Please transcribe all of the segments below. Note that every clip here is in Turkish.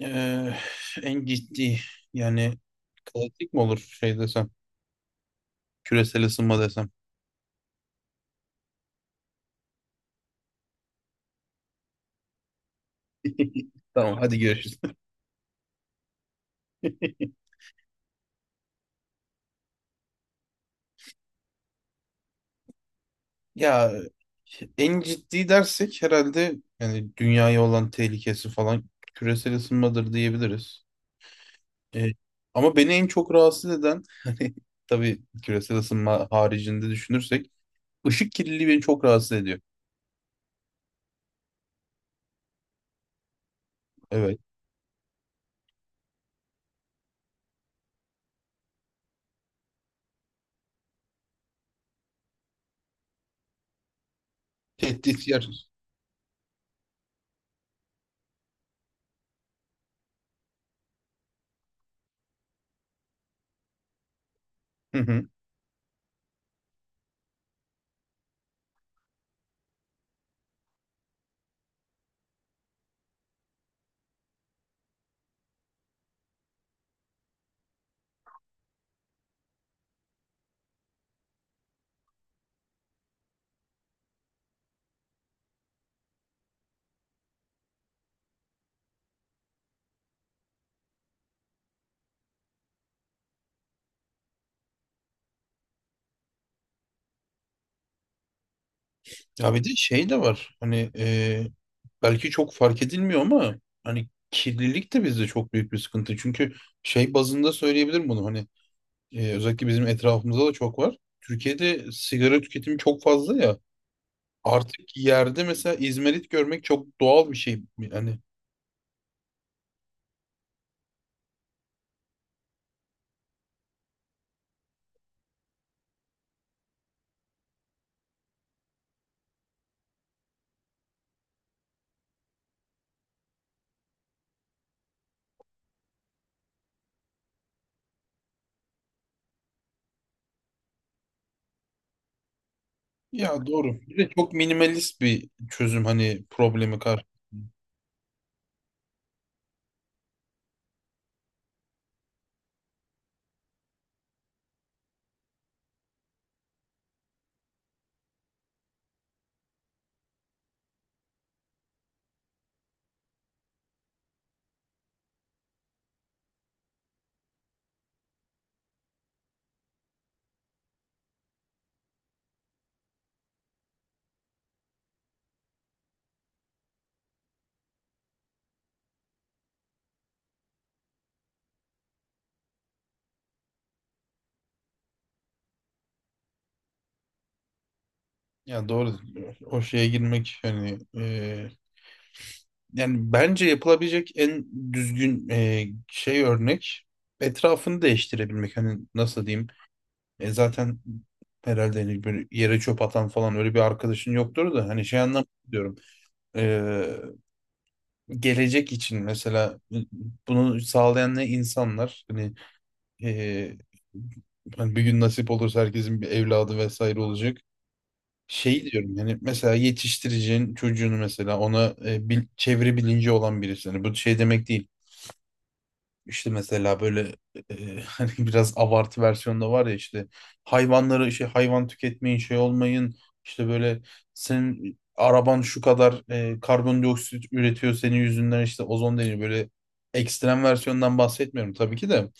Ee, en ciddi yani klasik mi olur şey desem küresel ısınma desem. Tamam hadi görüşürüz. Ya en ciddi dersek herhalde yani dünyaya olan tehlikesi falan küresel ısınmadır diyebiliriz. Ee, ama beni en çok rahatsız eden hani tabii küresel ısınma haricinde düşünürsek ışık kirliliği beni çok rahatsız ediyor. Evet. Tehdit yer. Ya bir de şey de var hani belki çok fark edilmiyor ama hani kirlilik de bizde çok büyük bir sıkıntı. Çünkü şey bazında söyleyebilirim bunu hani özellikle bizim etrafımızda da çok var. Türkiye'de sigara tüketimi çok fazla ya artık yerde mesela izmarit görmek çok doğal bir şey. Hani ya doğru bir de çok minimalist bir çözüm hani problemi kar. Ya doğru o şeye girmek hani yani bence yapılabilecek en düzgün şey örnek etrafını değiştirebilmek. Hani nasıl diyeyim? Zaten herhalde hani böyle yere çöp atan falan öyle bir arkadaşın yoktur da hani şey anlamda diyorum. E, gelecek için mesela bunu sağlayan ne insanlar hani, e, hani bir gün nasip olursa herkesin bir evladı vesaire olacak. Şey diyorum yani mesela yetiştireceğin çocuğunu mesela ona çevre bilinci olan birisi. Hani bu şey demek değil. İşte mesela böyle hani biraz abartı versiyonda var ya işte hayvan tüketmeyin şey olmayın işte böyle senin araban şu kadar karbondioksit üretiyor senin yüzünden işte ozon deniyor böyle ekstrem versiyondan bahsetmiyorum tabii ki de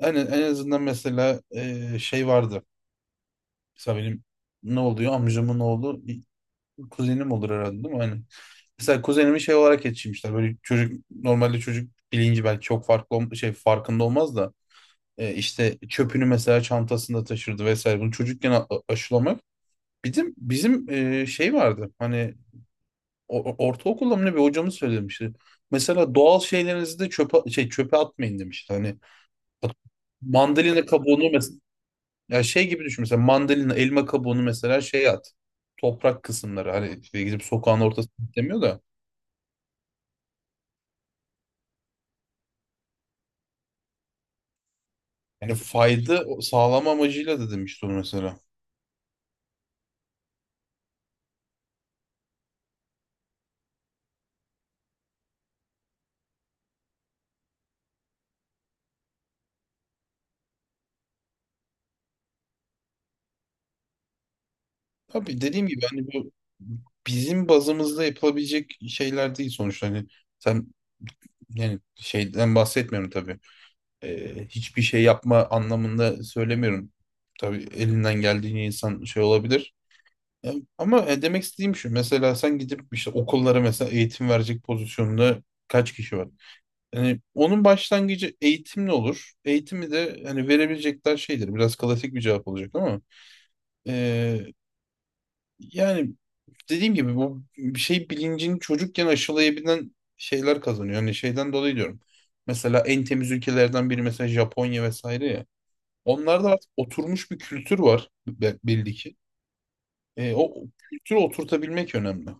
yani en azından mesela şey vardı mesela benim ne oluyor amcamın oğlu kuzenim olur herhalde değil mi? Hani mesela kuzenimi şey olarak yetiştirmişler böyle çocuk bilinci belki çok farklı şey farkında olmaz da işte çöpünü mesela çantasında taşırdı vesaire. Bunu çocukken aşılamak. Bizim şey vardı. Hani ortaokulda mı ne bir hocamız söylemişti. Mesela doğal şeylerinizi de çöpe şey çöpe atmayın demişti. Hani at- mandalina kabuğunu mesela ya şey gibi düşün mesela mandalina elma kabuğunu mesela şey at. Toprak kısımları hani işte gidip sokağın ortasına demiyor da yani fayda sağlama amacıyla da demişti onu mesela. Tabii dediğim gibi hani bu bizim bazımızda yapılabilecek şeyler değil sonuçta hani sen yani şeyden bahsetmiyorum tabii. Hiçbir şey yapma anlamında söylemiyorum tabii elinden geldiğince insan şey olabilir. Ya, ama demek istediğim şu mesela sen gidip işte okullara mesela eğitim verecek pozisyonda kaç kişi var yani onun başlangıcı eğitimle olur eğitimi de hani verebilecekler şeydir biraz klasik bir cevap olacak ama e, yani dediğim gibi bu bir şey bilincini çocukken aşılayabilen şeyler kazanıyor. Hani şeyden dolayı diyorum. Mesela en temiz ülkelerden biri mesela Japonya vesaire ya. Onlarda artık oturmuş bir kültür var belli ki. O kültürü oturtabilmek önemli.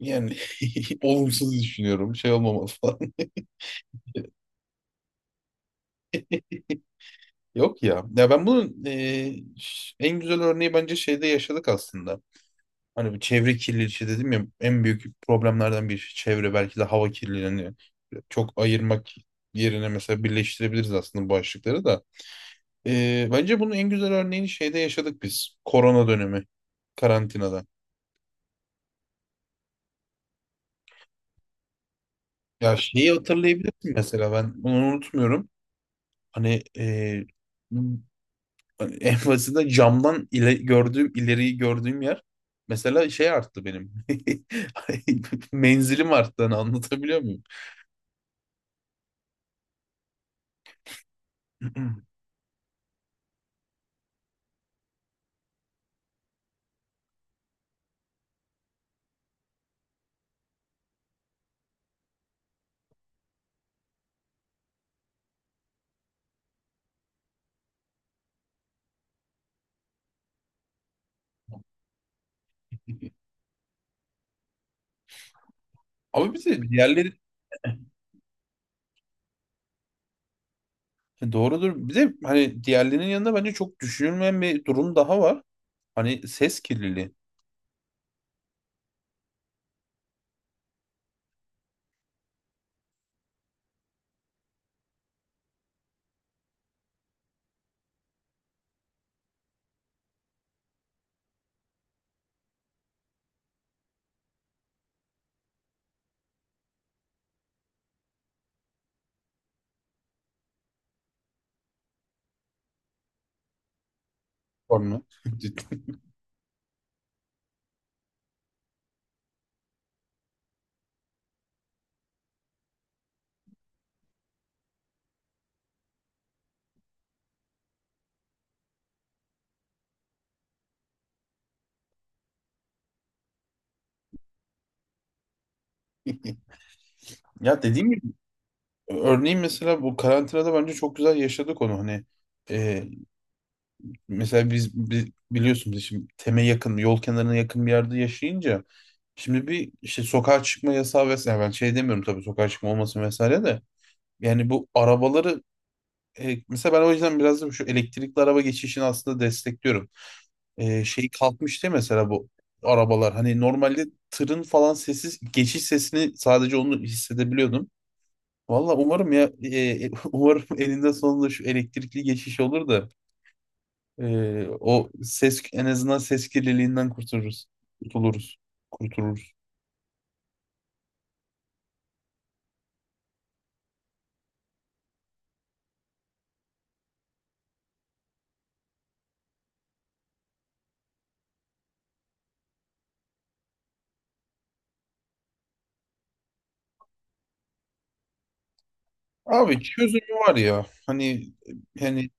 Yani olumsuz düşünüyorum. Şey olmamalı falan. Yok ya. Ya ben bunun en güzel örneği bence şeyde yaşadık aslında. Hani bu çevre kirliliği işte dedim ya en büyük problemlerden bir çevre belki de hava kirliliği. Hani çok ayırmak yerine mesela birleştirebiliriz aslında bu başlıkları da. Bence bunun en güzel örneğini şeyde yaşadık biz. Korona dönemi karantinada. Ya şeyi hatırlayabilirsin mesela ben bunu unutmuyorum. Hani hani en basitinden gördüğüm ileriyi gördüğüm yer mesela şey arttı benim. Menzilim arttı hani anlatabiliyor muyum? Ama bir de diğerleri doğrudur. Bir de hani diğerlerinin yanında bence çok düşünülmeyen bir durum daha var. Hani ses kirliliği sorunu. Ciddi. Ya dediğim gibi örneğin mesela bu karantinada bence çok güzel yaşadık onu. Hani e, mesela biz biliyorsunuz şimdi teme yakın, yol kenarına yakın bir yerde yaşayınca şimdi bir işte sokağa çıkma yasağı vesaire ben şey demiyorum tabii sokağa çıkma olmasın vesaire de yani bu arabaları mesela ben o yüzden biraz da şu elektrikli araba geçişini aslında destekliyorum. Şey kalkmıştı değil mesela bu arabalar. Hani normalde tırın falan sessiz geçiş sesini sadece onu hissedebiliyordum. Valla umarım ya umarım elinde sonunda şu elektrikli geçiş olur da o ses en azından ses kirliliğinden kurtuluruz. Kurtuluruz. Kurtuluruz. Abi çözümü var ya hani hani